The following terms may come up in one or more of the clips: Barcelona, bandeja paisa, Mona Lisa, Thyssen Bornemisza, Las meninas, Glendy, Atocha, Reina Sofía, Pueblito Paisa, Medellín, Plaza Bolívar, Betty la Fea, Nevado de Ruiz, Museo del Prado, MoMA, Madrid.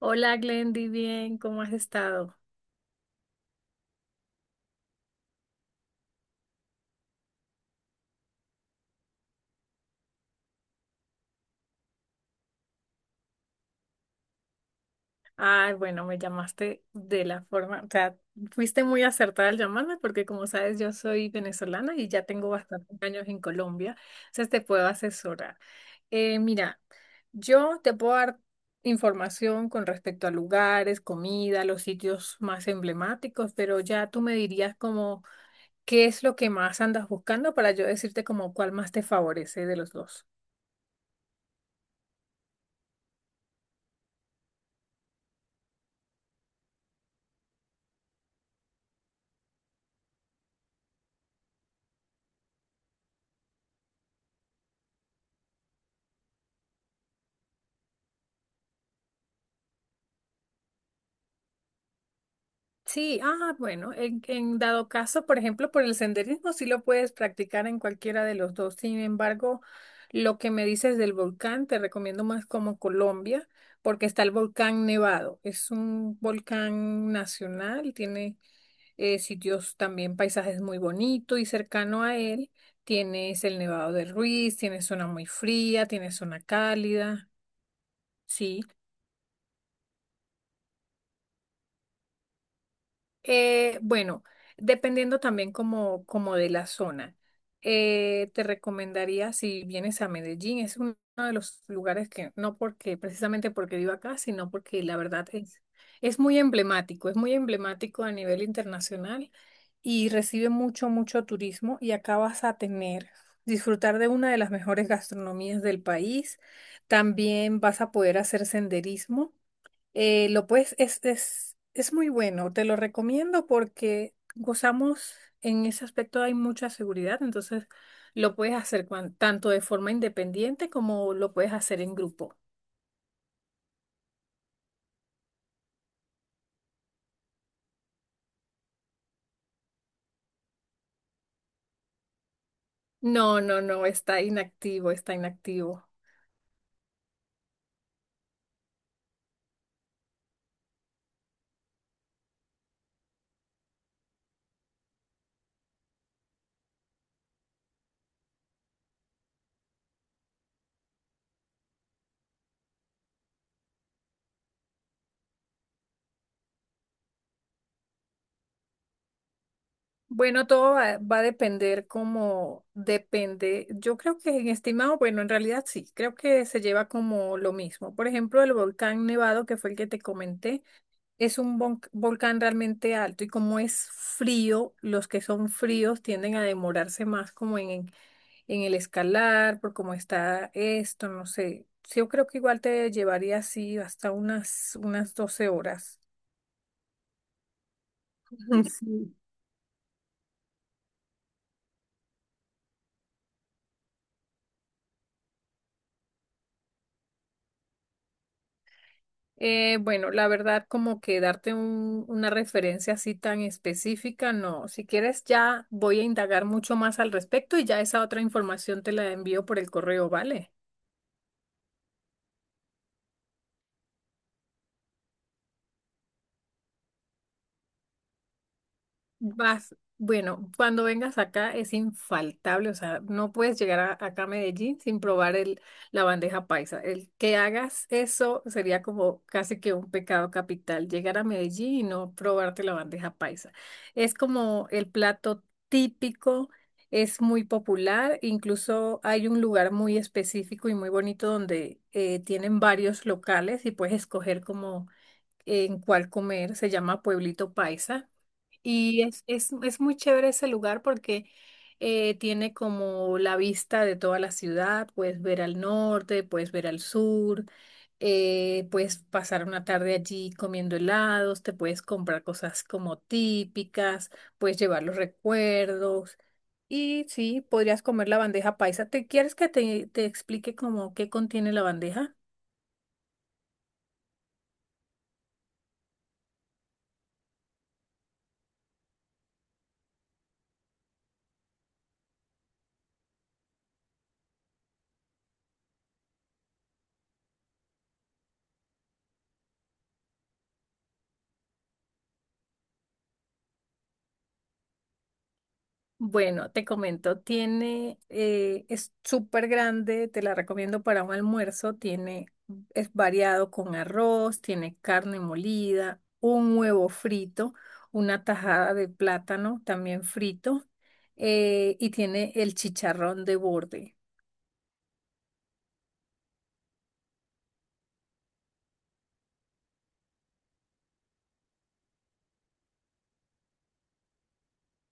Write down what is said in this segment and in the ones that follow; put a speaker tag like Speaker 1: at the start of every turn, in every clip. Speaker 1: Hola Glendy, bien, ¿cómo has estado? Ay, bueno, me llamaste de la forma, o sea, fuiste muy acertada al llamarme porque como sabes yo soy venezolana y ya tengo bastantes años en Colombia, entonces te puedo asesorar. Mira, yo te puedo dar información con respecto a lugares, comida, los sitios más emblemáticos, pero ya tú me dirías como qué es lo que más andas buscando para yo decirte como cuál más te favorece de los dos. Sí, ah, bueno, en dado caso, por ejemplo, por el senderismo sí lo puedes practicar en cualquiera de los dos. Sin embargo, lo que me dices del volcán, te recomiendo más como Colombia, porque está el volcán Nevado. Es un volcán nacional, tiene sitios también, paisajes muy bonitos y cercano a él tienes el Nevado de Ruiz, tienes zona muy fría, tienes zona cálida, sí. Bueno, dependiendo también como de la zona. Te recomendaría si vienes a Medellín, es uno de los lugares que no porque precisamente porque vivo acá, sino porque la verdad es muy emblemático a nivel internacional y recibe mucho turismo y acá vas a tener, disfrutar de una de las mejores gastronomías del país. También vas a poder hacer senderismo. Lo puedes, es muy bueno, te lo recomiendo porque gozamos en ese aspecto, hay mucha seguridad, entonces lo puedes hacer tanto de forma independiente como lo puedes hacer en grupo. No, no, no, está inactivo, está inactivo. Bueno, todo va a depender como depende. Yo creo que en estimado, bueno, en realidad sí, creo que se lleva como lo mismo. Por ejemplo, el volcán Nevado, que fue el que te comenté. Es un volcán realmente alto y como es frío, los que son fríos tienden a demorarse más como en el escalar, por cómo está esto, no sé. Sí, yo creo que igual te llevaría así hasta unas 12 horas. Sí. Bueno, la verdad, como que darte una referencia así tan específica, no. Si quieres, ya voy a indagar mucho más al respecto y ya esa otra información te la envío por el correo, ¿vale? Vas, bueno, cuando vengas acá es infaltable, o sea, no puedes llegar acá a Medellín sin probar la bandeja paisa. El que hagas eso sería como casi que un pecado capital, llegar a Medellín y no probarte la bandeja paisa. Es como el plato típico, es muy popular, incluso hay un lugar muy específico y muy bonito donde tienen varios locales y puedes escoger como en cuál comer, se llama Pueblito Paisa. Y es muy chévere ese lugar porque tiene como la vista de toda la ciudad, puedes ver al norte, puedes ver al sur, puedes pasar una tarde allí comiendo helados, te puedes comprar cosas como típicas, puedes llevar los recuerdos y sí, podrías comer la bandeja paisa. ¿Te quieres que te explique como qué contiene la bandeja? Bueno, te comento, tiene, es súper grande, te la recomiendo para un almuerzo, tiene, es variado con arroz, tiene carne molida, un huevo frito, una tajada de plátano también frito, y tiene el chicharrón de borde.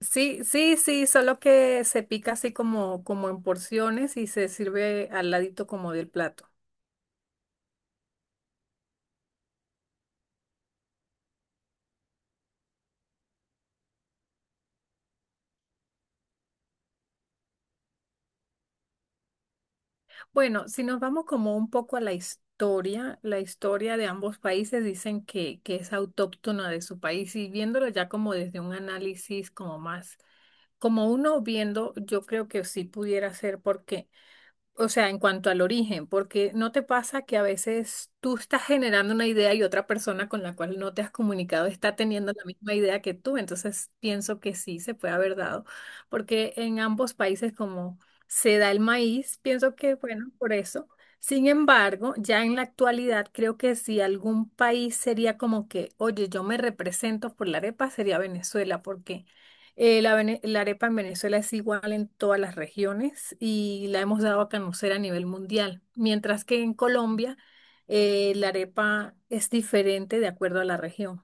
Speaker 1: Sí, sí, sí, solo que se pica así como en porciones y se sirve al ladito como del plato. Bueno, si nos vamos como un poco a la historia de ambos países dicen que es autóctona de su país y viéndolo ya como desde un análisis como más, como uno viendo, yo creo que sí pudiera ser porque o sea, en cuanto al origen, porque no te pasa que a veces tú estás generando una idea y otra persona con la cual no te has comunicado está teniendo la misma idea que tú, entonces pienso que sí se puede haber dado, porque en ambos países como se da el maíz, pienso que bueno, por eso. Sin embargo, ya en la actualidad creo que si algún país sería como que, oye, yo me represento por la arepa, sería Venezuela, porque la arepa en Venezuela es igual en todas las regiones y la hemos dado a conocer a nivel mundial, mientras que en Colombia la arepa es diferente de acuerdo a la región.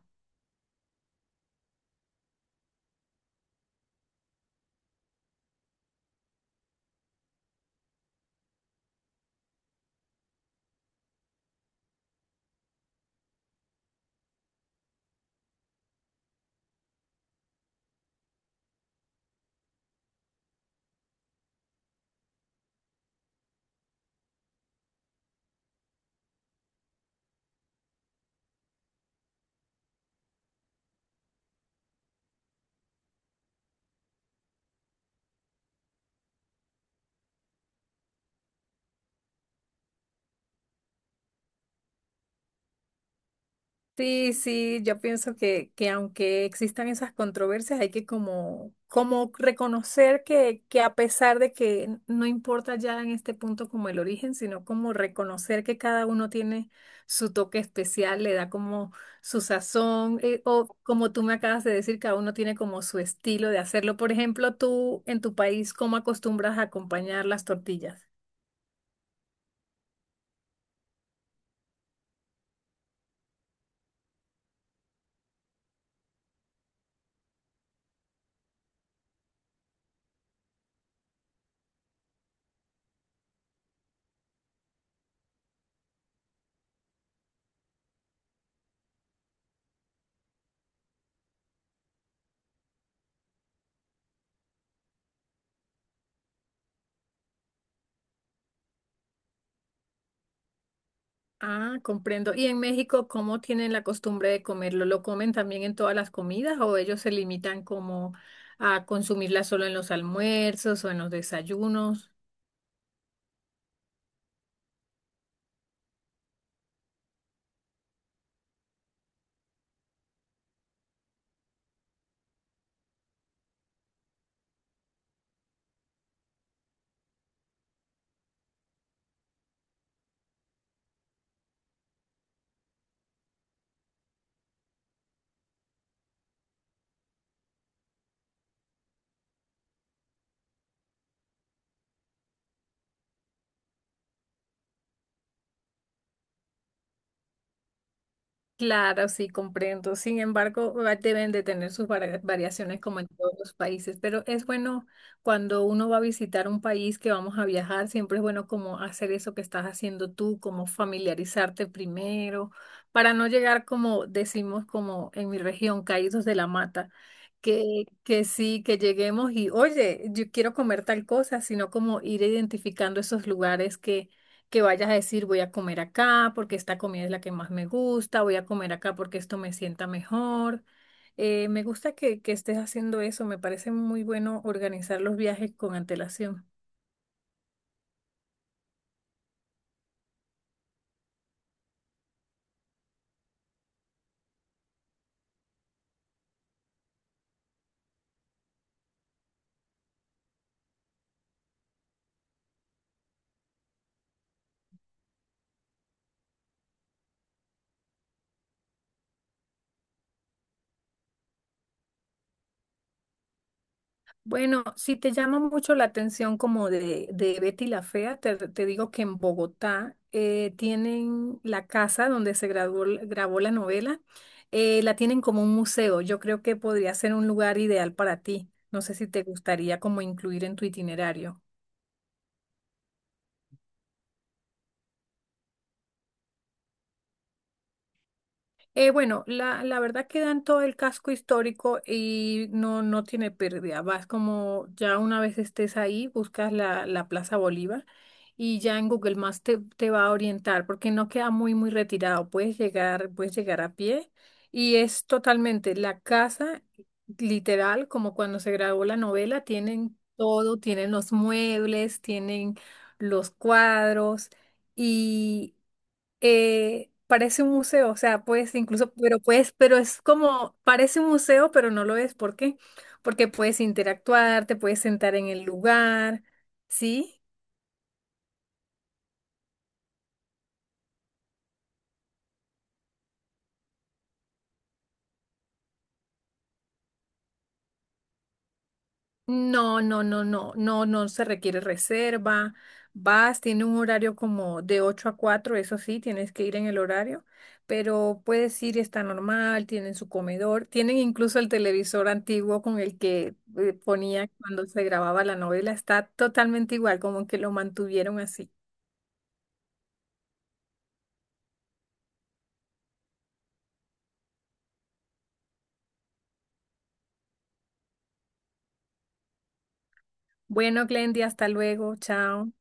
Speaker 1: Sí, sí, yo pienso que aunque existan esas controversias, hay que como reconocer que a pesar de que no importa ya en este punto como el origen, sino como reconocer que cada uno tiene su toque especial, le da como su sazón, o como tú me acabas de decir, cada uno tiene como su estilo de hacerlo. Por ejemplo, tú en tu país, ¿cómo acostumbras a acompañar las tortillas? Ah, comprendo. ¿Y en México cómo tienen la costumbre de comerlo? ¿Lo comen también en todas las comidas o ellos se limitan como a consumirla solo en los almuerzos o en los desayunos? Claro, sí, comprendo. Sin embargo, deben de tener sus variaciones como en todos los países, pero es bueno cuando uno va a visitar un país que vamos a viajar, siempre es bueno como hacer eso que estás haciendo tú, como familiarizarte primero, para no llegar como decimos como en mi región, caídos de la mata, que sí, que lleguemos y, oye, yo quiero comer tal cosa, sino como ir identificando esos lugares que vayas a decir voy a comer acá porque esta comida es la que más me gusta, voy a comer acá porque esto me sienta mejor. Me gusta que estés haciendo eso, me parece muy bueno organizar los viajes con antelación. Bueno, si te llama mucho la atención como de Betty la Fea, te digo que en Bogotá tienen la casa donde se grabó la novela, la tienen como un museo. Yo creo que podría ser un lugar ideal para ti. No sé si te gustaría como incluir en tu itinerario. Bueno, la verdad que en todo el casco histórico y no, no tiene pérdida. Vas como ya una vez estés ahí, buscas la Plaza Bolívar y ya en Google Maps te va a orientar porque no queda muy retirado. Puedes llegar a pie y es totalmente la casa, literal, como cuando se grabó la novela, tienen todo, tienen los muebles, tienen los cuadros. Y parece un museo, o sea, puedes incluso, pero puedes, pero es como, parece un museo, pero no lo es. ¿Por qué? Porque puedes interactuar, te puedes sentar en el lugar, ¿sí? No, no, no, no, no, no se requiere reserva. Vas, tiene un horario como de 8 a 4. Eso sí, tienes que ir en el horario, pero puedes ir, está normal, tienen su comedor, tienen incluso el televisor antiguo con el que ponía cuando se grababa la novela, está totalmente igual, como que lo mantuvieron así. Bueno, Glendy, hasta luego, chao.